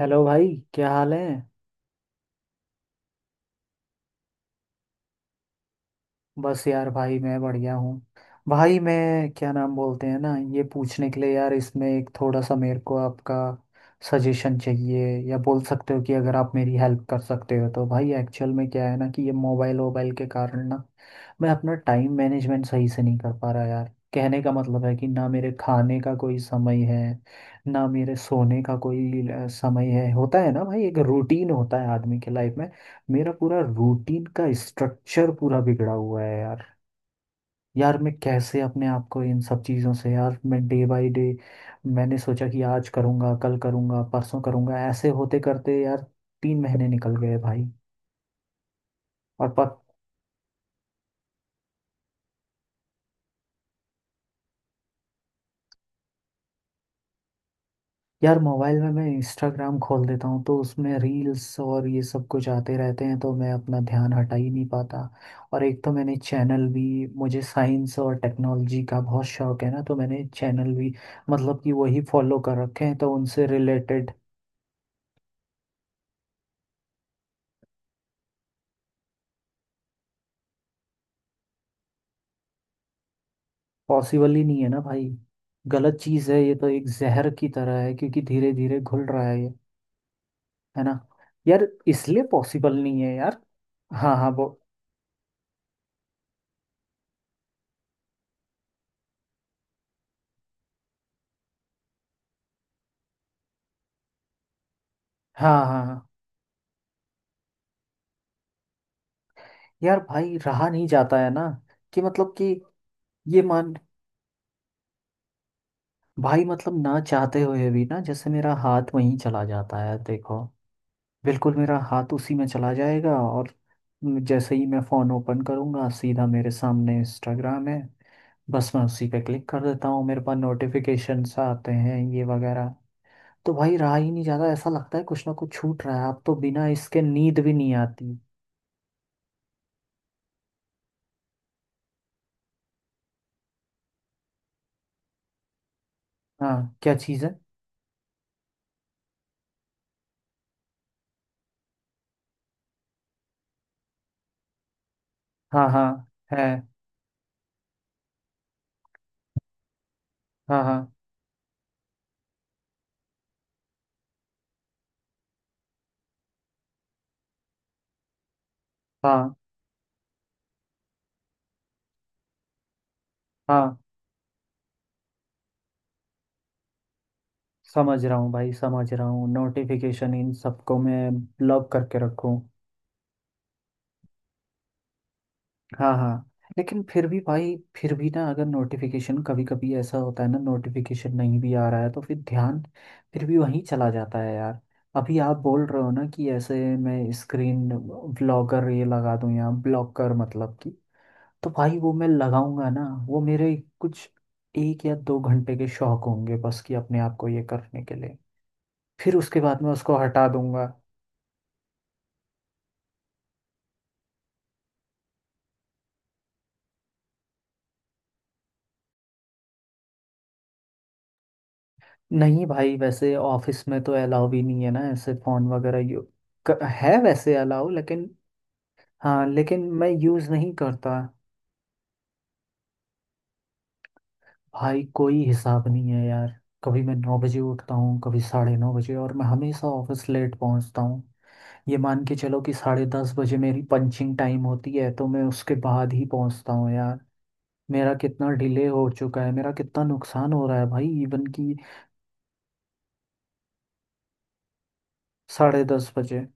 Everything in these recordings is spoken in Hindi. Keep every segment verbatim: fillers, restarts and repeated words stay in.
हेलो भाई, क्या हाल है? बस यार भाई, मैं बढ़िया हूँ। भाई मैं क्या नाम बोलते हैं ना, ये पूछने के लिए यार, इसमें एक थोड़ा सा मेरे को आपका सजेशन चाहिए, या बोल सकते हो कि अगर आप मेरी हेल्प कर सकते हो तो। भाई एक्चुअल में क्या है ना कि ये मोबाइल वोबाइल के कारण ना, मैं अपना टाइम मैनेजमेंट सही से नहीं कर पा रहा यार। कहने का मतलब है कि ना, मेरे खाने का कोई समय है, ना मेरे सोने का कोई अ, समय है। होता है ना भाई, एक रूटीन होता है आदमी के लाइफ में। मेरा पूरा रूटीन का स्ट्रक्चर पूरा बिगड़ा हुआ है यार। यार मैं कैसे अपने आप को इन सब चीज़ों से, यार मैं डे बाय डे मैंने सोचा कि आज करूँगा, कल करूँगा, परसों करूँगा, ऐसे होते करते यार तीन महीने निकल गए भाई। और प, यार मोबाइल में मैं इंस्टाग्राम खोल देता हूँ तो उसमें रील्स और ये सब कुछ आते रहते हैं, तो मैं अपना ध्यान हटा ही नहीं पाता। और एक तो मैंने चैनल भी, मुझे साइंस और टेक्नोलॉजी का बहुत शौक है ना, तो मैंने चैनल भी मतलब कि वही फॉलो कर रखे हैं, तो उनसे रिलेटेड। पॉसिबल ही नहीं है ना भाई। गलत चीज़ है, ये तो एक जहर की तरह है, क्योंकि धीरे धीरे घुल रहा है ये। है ना। यार इसलिए पॉसिबल नहीं है यार। हाँ हाँ, वो। हाँ हाँ हाँ। यार भाई रहा नहीं जाता है ना। कि मतलब कि ये मान भाई मतलब, ना चाहते हुए भी ना, जैसे मेरा हाथ वहीं चला जाता है, देखो। बिल्कुल मेरा हाथ उसी में चला जाएगा, और जैसे ही मैं फोन ओपन करूंगा, सीधा मेरे सामने इंस्टाग्राम है। बस मैं उसी पे क्लिक कर देता हूँ। मेरे पास नोटिफिकेशंस आते हैं ये वगैरह, तो भाई रहा ही नहीं जाता। ऐसा लगता है कुछ ना कुछ छूट रहा है। अब तो बिना इसके नींद भी नहीं आती। हाँ, क्या चीज़ है? हाँ हाँ। है। हाँ हाँ हाँ। हाँ, समझ रहा हूँ भाई, समझ रहा हूँ। नोटिफिकेशन इन सबको मैं ब्लॉक करके रखूँ? हाँ हाँ। लेकिन फिर भी भाई, फिर भी ना, अगर नोटिफिकेशन कभी कभी ऐसा होता है ना, नोटिफिकेशन नहीं भी आ रहा है तो फिर ध्यान फिर भी वहीं चला जाता है यार। अभी आप बोल रहे हो ना कि ऐसे मैं स्क्रीन ब्लॉकर ये लगा दूँ, या ब्लॉकर मतलब कि, तो भाई वो मैं लगाऊंगा ना। वो मेरे कुछ एक या दो घंटे के शौक होंगे बस, कि अपने आप को ये करने के लिए। फिर उसके बाद मैं उसको हटा दूंगा। नहीं भाई, वैसे ऑफिस में तो अलाउ भी नहीं है ना ऐसे फोन वगैरह। यू क- है वैसे अलाउ, लेकिन हाँ, लेकिन मैं यूज़ नहीं करता। भाई, कोई हिसाब नहीं है यार। कभी मैं नौ बजे उठता हूँ, कभी साढ़े नौ बजे, और मैं हमेशा ऑफिस लेट पहुँचता हूँ। ये मान के चलो कि साढ़े दस बजे मेरी पंचिंग टाइम होती है, तो मैं उसके बाद ही पहुँचता हूँ यार। मेरा कितना डिले हो चुका है, मेरा कितना नुकसान हो रहा है भाई, इवन कि साढ़े दस बजे।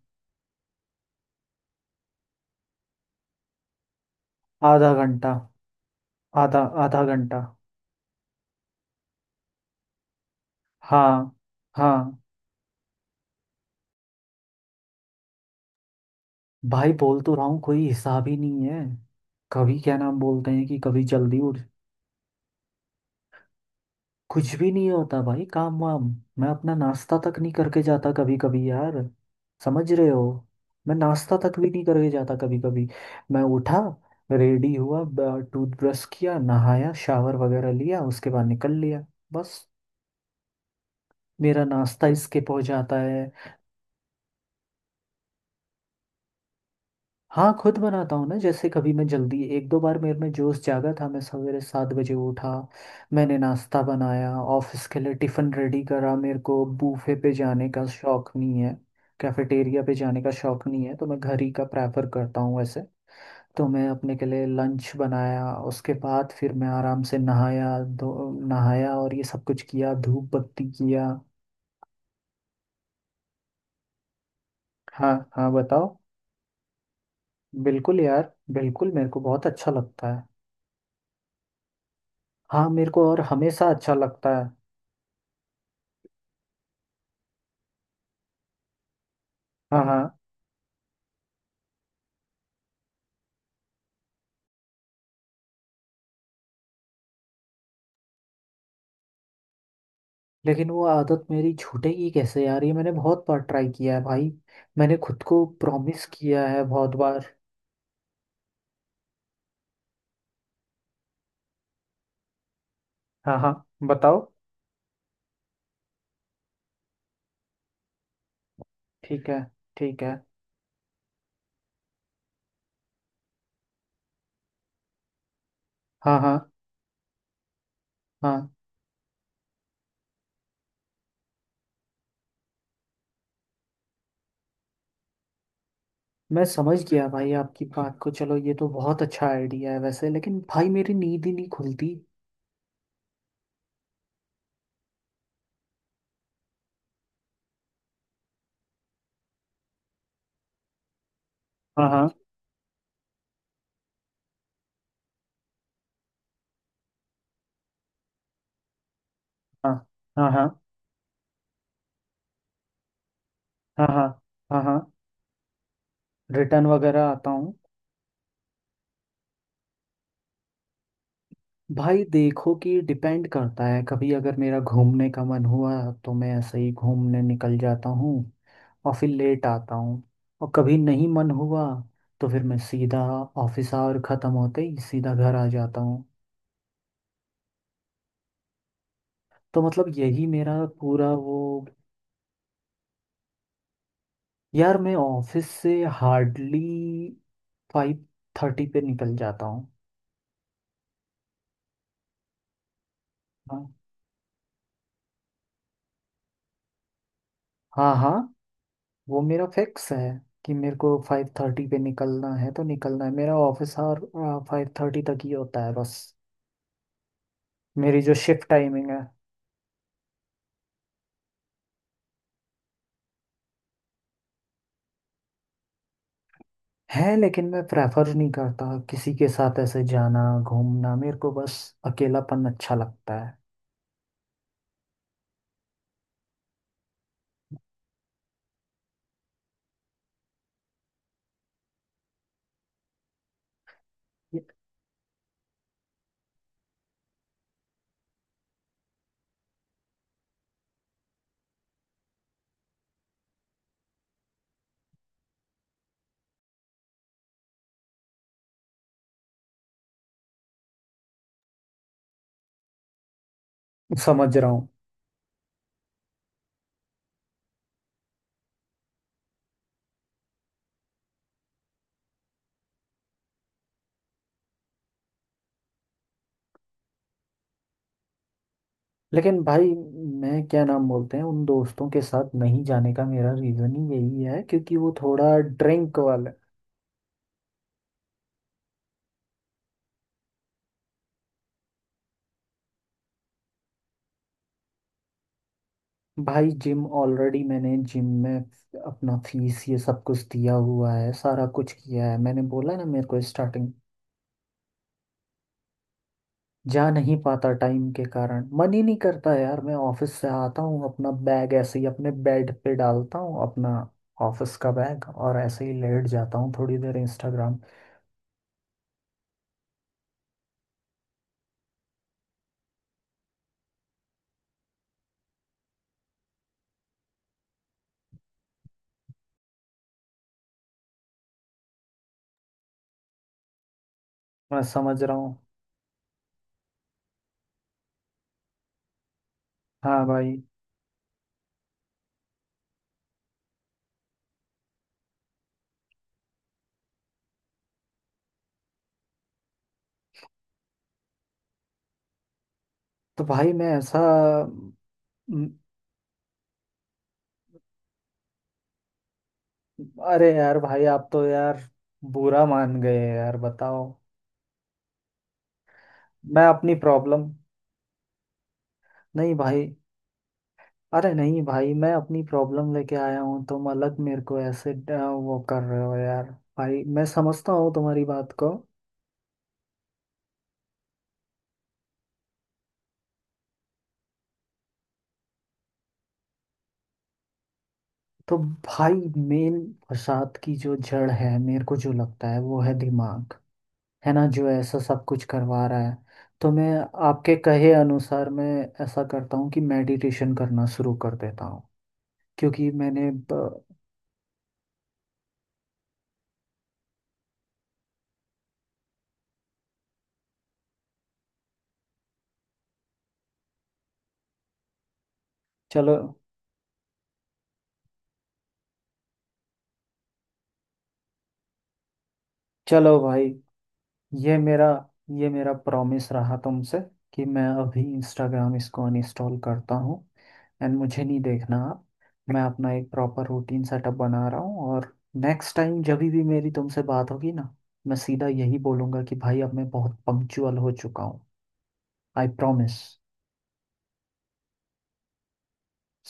आधा घंटा। आधा आधा घंटा। हाँ हाँ। भाई बोल तो रहा हूँ, कोई हिसाब ही नहीं है। कभी क्या नाम बोलते हैं कि कभी जल्दी उठ। कुछ भी नहीं होता भाई, काम वाम। मैं अपना नाश्ता तक नहीं करके जाता कभी कभी यार। समझ रहे हो। मैं नाश्ता तक भी नहीं करके जाता कभी कभी। मैं उठा, रेडी हुआ, टूथब्रश किया, नहाया, शावर वगैरह लिया, उसके बाद निकल लिया बस। मेरा नाश्ता इसके पहुंच जाता है। हाँ, खुद बनाता हूँ ना, जैसे कभी मैं जल्दी, एक दो बार मेरे में जोश जागा था, मैं सवेरे सात बजे उठा। मैंने नाश्ता बनाया, ऑफिस के लिए टिफ़िन रेडी करा। मेरे को बूफे पे जाने का शौक नहीं है, कैफेटेरिया पे जाने का शौक नहीं है, तो मैं घर ही का प्रेफर करता हूँ वैसे। तो मैं अपने के लिए लंच बनाया, उसके बाद फिर मैं आराम से नहाया, धो नहाया, और ये सब कुछ किया, धूप बत्ती किया। हाँ हाँ, बताओ। बिल्कुल यार, बिल्कुल, मेरे को बहुत अच्छा लगता है। हाँ, मेरे को और हमेशा अच्छा लगता है। हाँ हाँ। लेकिन वो आदत मेरी छूटेगी कैसे यार? ये मैंने बहुत बार ट्राई किया है भाई। मैंने खुद को प्रॉमिस किया है बहुत बार। हाँ हाँ, बताओ। ठीक है, ठीक है। हाँ हाँ। हाँ, मैं समझ गया भाई आपकी बात को। चलो ये तो बहुत अच्छा आइडिया है वैसे, लेकिन भाई मेरी नींद ही नहीं खुलती। हाँ हाँ। हाँ हाँ। हाँ हाँ। हाँ हाँ। हाँ, रिटर्न वगैरह आता हूँ। भाई देखो, कि डिपेंड करता है। कभी अगर मेरा घूमने का मन हुआ तो मैं ऐसे ही घूमने निकल जाता हूँ, और फिर लेट आता हूँ। और कभी नहीं मन हुआ तो फिर मैं सीधा, ऑफिस आवर ख़त्म होते ही सीधा घर आ जाता हूँ। तो मतलब यही मेरा पूरा वो। यार मैं ऑफिस से हार्डली फाइव थर्टी पे निकल जाता हूँ। हाँ हाँ। हाँ, वो मेरा फिक्स है कि मेरे को फाइव थर्टी पे निकलना है तो निकलना है। मेरा ऑफिस आवर फाइव थर्टी तक ही होता है बस, मेरी जो शिफ्ट टाइमिंग है। है, लेकिन मैं प्रेफर नहीं करता किसी के साथ ऐसे जाना घूमना। मेरे को बस अकेलापन अच्छा लगता है। ये समझ रहा हूँ। लेकिन भाई मैं क्या नाम बोलते हैं, उन दोस्तों के साथ नहीं जाने का मेरा रीज़न ही यही है, क्योंकि वो थोड़ा ड्रिंक वाले। भाई जिम ऑलरेडी, मैंने जिम में अपना फीस ये सब कुछ दिया हुआ है, सारा कुछ किया है। मैंने बोला ना मेरे को स्टार्टिंग। जा नहीं पाता टाइम के कारण, मन ही नहीं करता यार। मैं ऑफिस से आता हूँ, अपना बैग ऐसे ही अपने बेड पे डालता हूँ, अपना ऑफिस का बैग, और ऐसे ही लेट जाता हूँ थोड़ी देर इंस्टाग्राम। मैं समझ रहा हूँ। हाँ भाई। तो भाई मैं ऐसा म, अरे यार भाई, आप तो यार बुरा मान गए यार, बताओ। मैं अपनी प्रॉब्लम, नहीं भाई। अरे नहीं भाई, मैं अपनी प्रॉब्लम लेके आया हूँ, तुम अलग मेरे को ऐसे ड- वो कर रहे हो यार। भाई मैं समझता हूँ तुम्हारी बात को। तो भाई मेन फसाद की जो जड़ है, मेरे को जो लगता है, वो है दिमाग। है ना, जो ऐसा सब कुछ करवा रहा है। तो मैं आपके कहे अनुसार मैं ऐसा करता हूँ कि मेडिटेशन करना शुरू कर देता हूँ। क्योंकि मैंने ब- चलो। चलो भाई, ये मेरा ये मेरा प्रॉमिस रहा तुमसे, कि मैं अभी इंस्टाग्राम, इसको अनइंस्टॉल करता हूँ, एंड मुझे नहीं देखना आप। मैं अपना एक प्रॉपर रूटीन सेटअप बना रहा हूँ, और नेक्स्ट टाइम जब भी मेरी तुमसे बात होगी ना, मैं सीधा यही बोलूँगा कि भाई अब मैं बहुत पंक्चुअल हो चुका हूँ। I promise.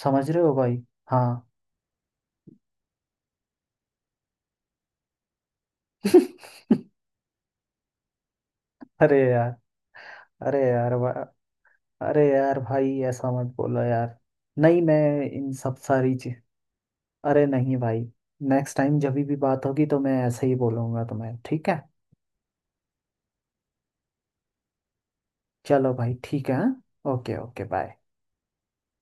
समझ रहे हो भाई? हाँ। अरे यार। अरे यार भा- अरे यार भाई, ऐसा मत बोलो यार। नहीं मैं इन सब सारी चीज, अरे नहीं भाई। नेक्स्ट टाइम जब भी बात होगी तो मैं ऐसे ही बोलूँगा तुम्हें, ठीक है? चलो भाई ठीक है, हाँ? Okay okay, bye.